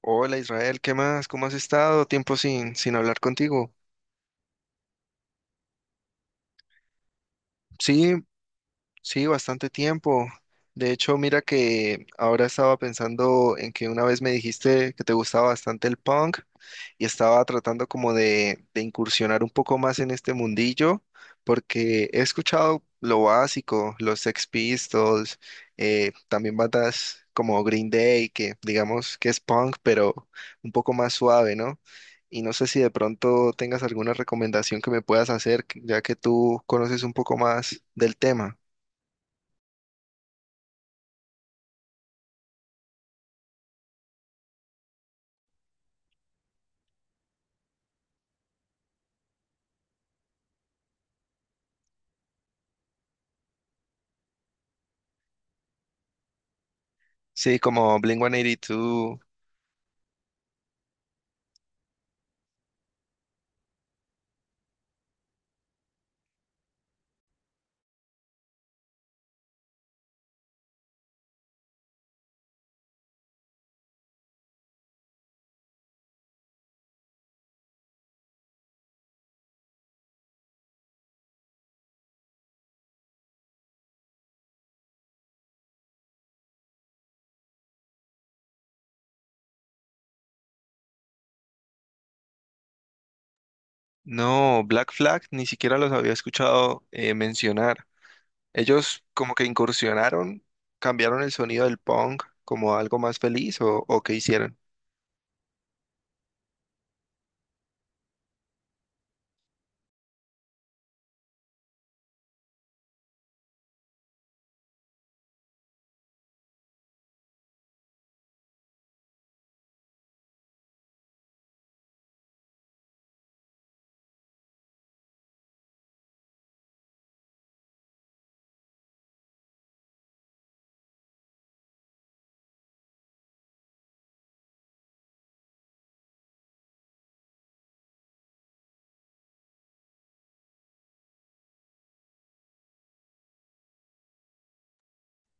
Hola Israel, ¿qué más? ¿Cómo has estado? Tiempo sin hablar contigo. Sí, sí, bastante tiempo. De hecho, mira que ahora estaba pensando en que una vez me dijiste que te gustaba bastante el punk y estaba tratando como de incursionar un poco más en este mundillo porque he escuchado lo básico, los Sex Pistols, también bandas como Green Day, que digamos que es punk, pero un poco más suave, ¿no? Y no sé si de pronto tengas alguna recomendación que me puedas hacer, ya que tú conoces un poco más del tema. Sí, como Blink-182. No, Black Flag ni siquiera los había escuchado, mencionar. Ellos como que incursionaron, cambiaron el sonido del punk como algo más feliz o, ¿o qué hicieron?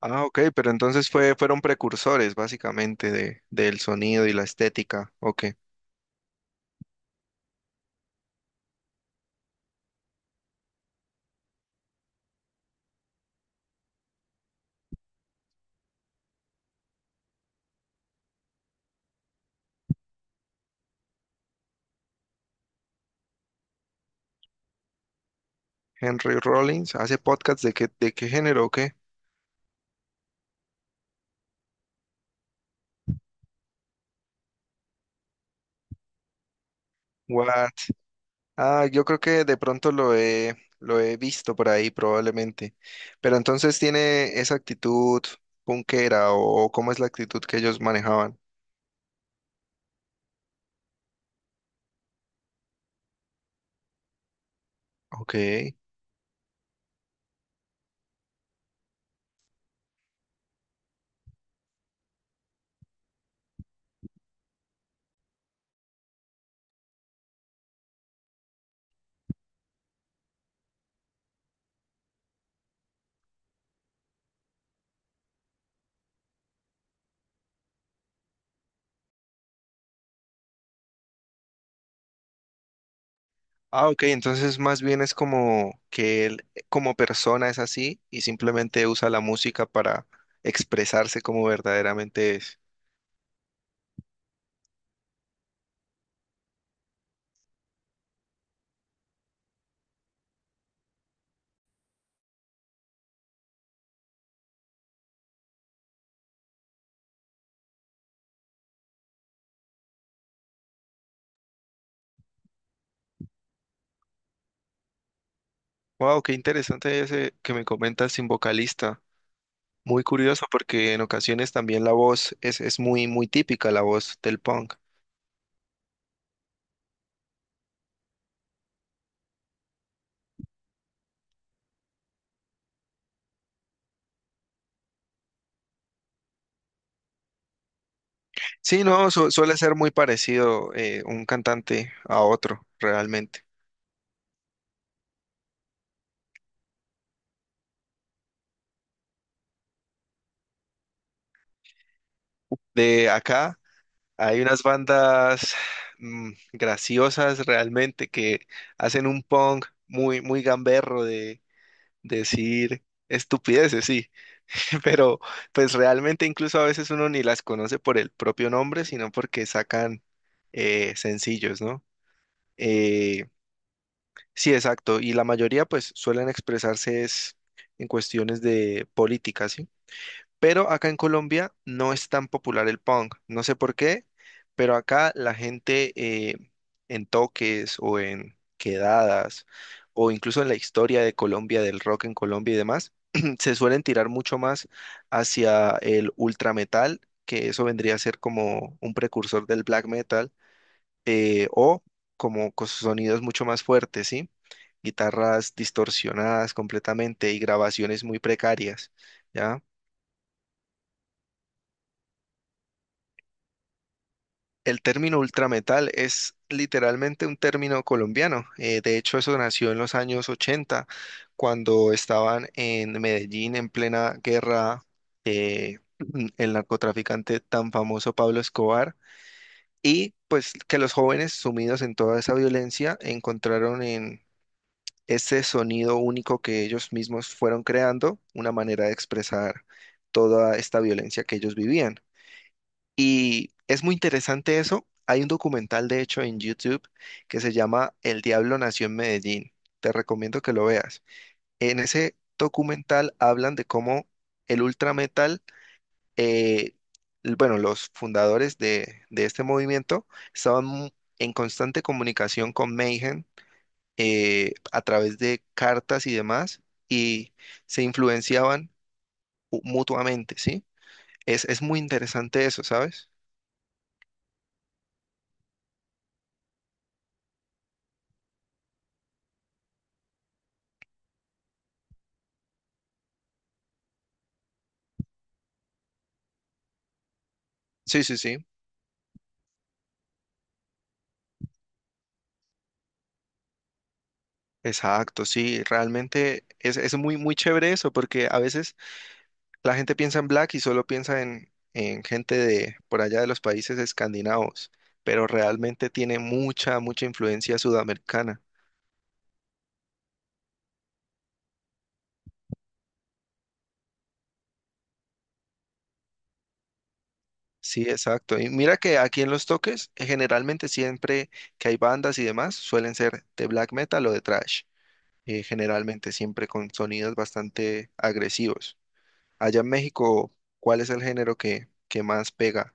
Ah, ok, pero entonces fueron precursores básicamente de, del sonido y la estética. Ok. Henry Rollins hace podcasts ¿de qué, de qué género o qué? What? Ah, yo creo que de pronto lo he visto por ahí probablemente. Pero entonces tiene esa actitud punkera o ¿cómo es la actitud que ellos manejaban? Ok. Ah, ok, entonces más bien es como que él como persona es así y simplemente usa la música para expresarse como verdaderamente es. Wow, qué interesante ese que me comentas sin vocalista. Muy curioso porque en ocasiones también la voz es muy, muy típica la voz del punk. Sí, no, suele ser muy parecido, un cantante a otro, realmente. De acá hay unas bandas graciosas realmente que hacen un punk muy, muy gamberro de decir estupideces, sí, pero pues realmente incluso a veces uno ni las conoce por el propio nombre, sino porque sacan, sencillos, ¿no? Eh, sí, exacto, y la mayoría pues suelen expresarse es en cuestiones de política, ¿sí? Pero acá en Colombia no es tan popular el punk. No sé por qué, pero acá la gente, eh, en toques o en quedadas o incluso en la historia de Colombia, del rock en Colombia y demás, se suelen tirar mucho más hacia el ultra metal, que eso vendría a ser como un precursor del black metal, o como con sonidos mucho más fuertes, ¿sí? Guitarras distorsionadas completamente y grabaciones muy precarias, ¿ya? El término ultrametal es literalmente un término colombiano. De hecho, eso nació en los años 80, cuando estaban en Medellín en plena guerra, eh, el narcotraficante tan famoso Pablo Escobar. Y pues que los jóvenes sumidos en toda esa violencia encontraron en ese sonido único que ellos mismos fueron creando una manera de expresar toda esta violencia que ellos vivían. Y es muy interesante eso. Hay un documental, de hecho, en YouTube que se llama El Diablo Nació en Medellín. Te recomiendo que lo veas. En ese documental hablan de cómo el ultrametal, eh, bueno, los fundadores de este movimiento estaban, en constante comunicación con Mayhem, a través de cartas y demás y se influenciaban, mutuamente, ¿sí? Es muy interesante eso, ¿sabes? Sí, sí, sí. Exacto, sí, realmente es muy, muy chévere eso, porque a veces la gente piensa en Black y solo piensa en gente de por allá de los países escandinavos, pero realmente tiene mucha, mucha influencia sudamericana. Sí, exacto. Y mira que aquí en Los Toques, generalmente siempre que hay bandas y demás, suelen ser de black metal o de thrash, generalmente siempre con sonidos bastante agresivos. Allá en México, ¿cuál es el género que más pega?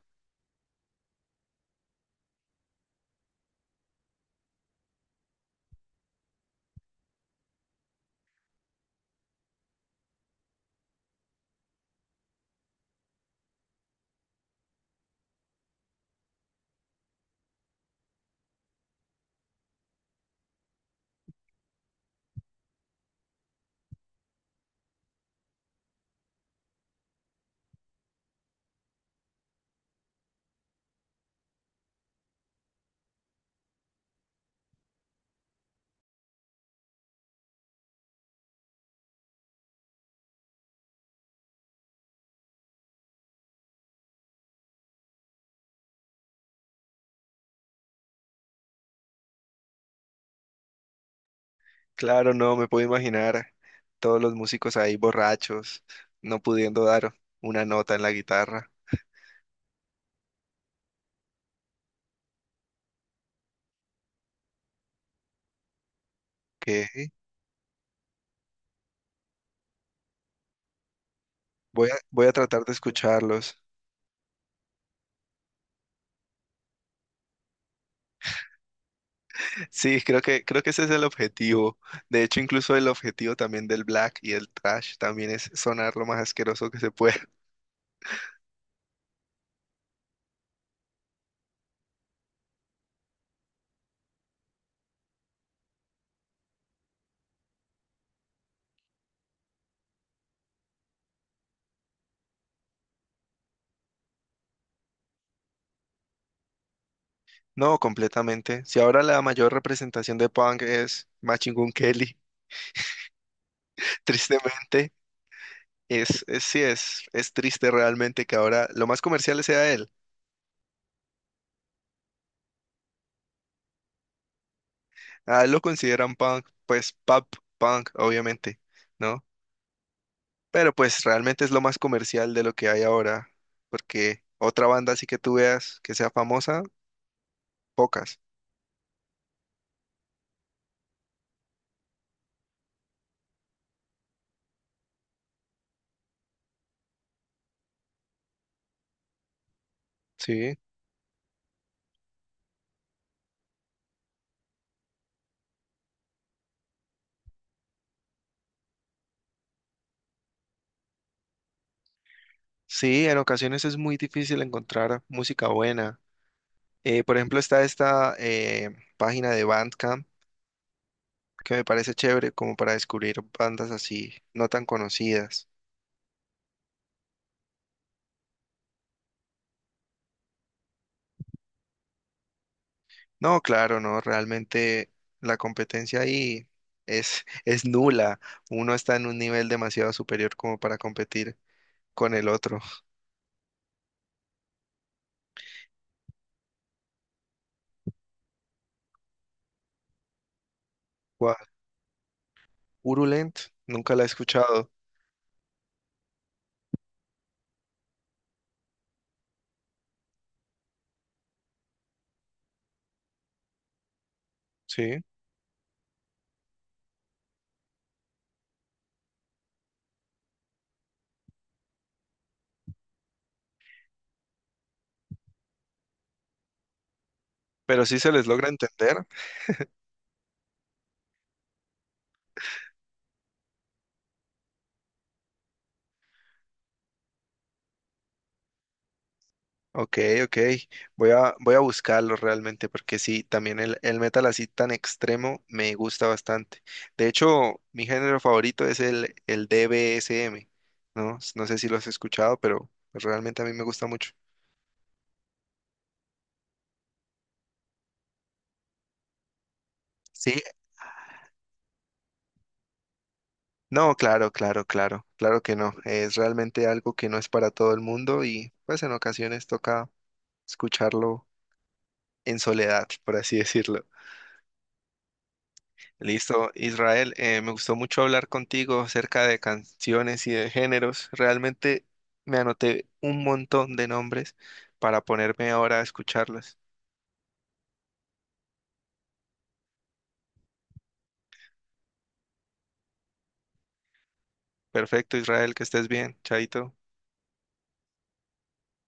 Claro, no, me puedo imaginar todos los músicos ahí borrachos, no pudiendo dar una nota en la guitarra, que voy a tratar de escucharlos. Sí, creo que ese es el objetivo. De hecho, incluso el objetivo también del black y el trash también es sonar lo más asqueroso que se pueda. No, completamente. Si ahora la mayor representación de punk es Machine Gun Kelly, tristemente, sí, es triste realmente que ahora lo más comercial sea él. Ah, lo consideran punk, pues pop, punk, obviamente, ¿no? Pero pues realmente es lo más comercial de lo que hay ahora, porque otra banda así que tú veas que sea famosa, pocas, ¿sí? Sí, en ocasiones es muy difícil encontrar música buena. Por ejemplo, está esta página de Bandcamp que me parece chévere como para descubrir bandas así no tan conocidas. No, claro, no, realmente la competencia ahí es, es nula. Uno está en un nivel demasiado superior como para competir con el otro. Guau, Urulent, nunca la he escuchado, sí, pero sí se les logra entender. Ok, ok, voy a buscarlo realmente porque sí, también el metal así tan extremo me gusta bastante. De hecho, mi género favorito es el D B S M. ¿No? No sé si lo has escuchado, pero realmente a mí me gusta mucho. Sí, no, claro, claro, claro, claro que no. Es realmente algo que no es para todo el mundo y pues en ocasiones toca escucharlo en soledad, por así decirlo. Listo, Israel, me gustó mucho hablar contigo acerca de canciones y de géneros. Realmente me anoté un montón de nombres para ponerme ahora a escucharlas. Perfecto, Israel, que estés bien. Chaito.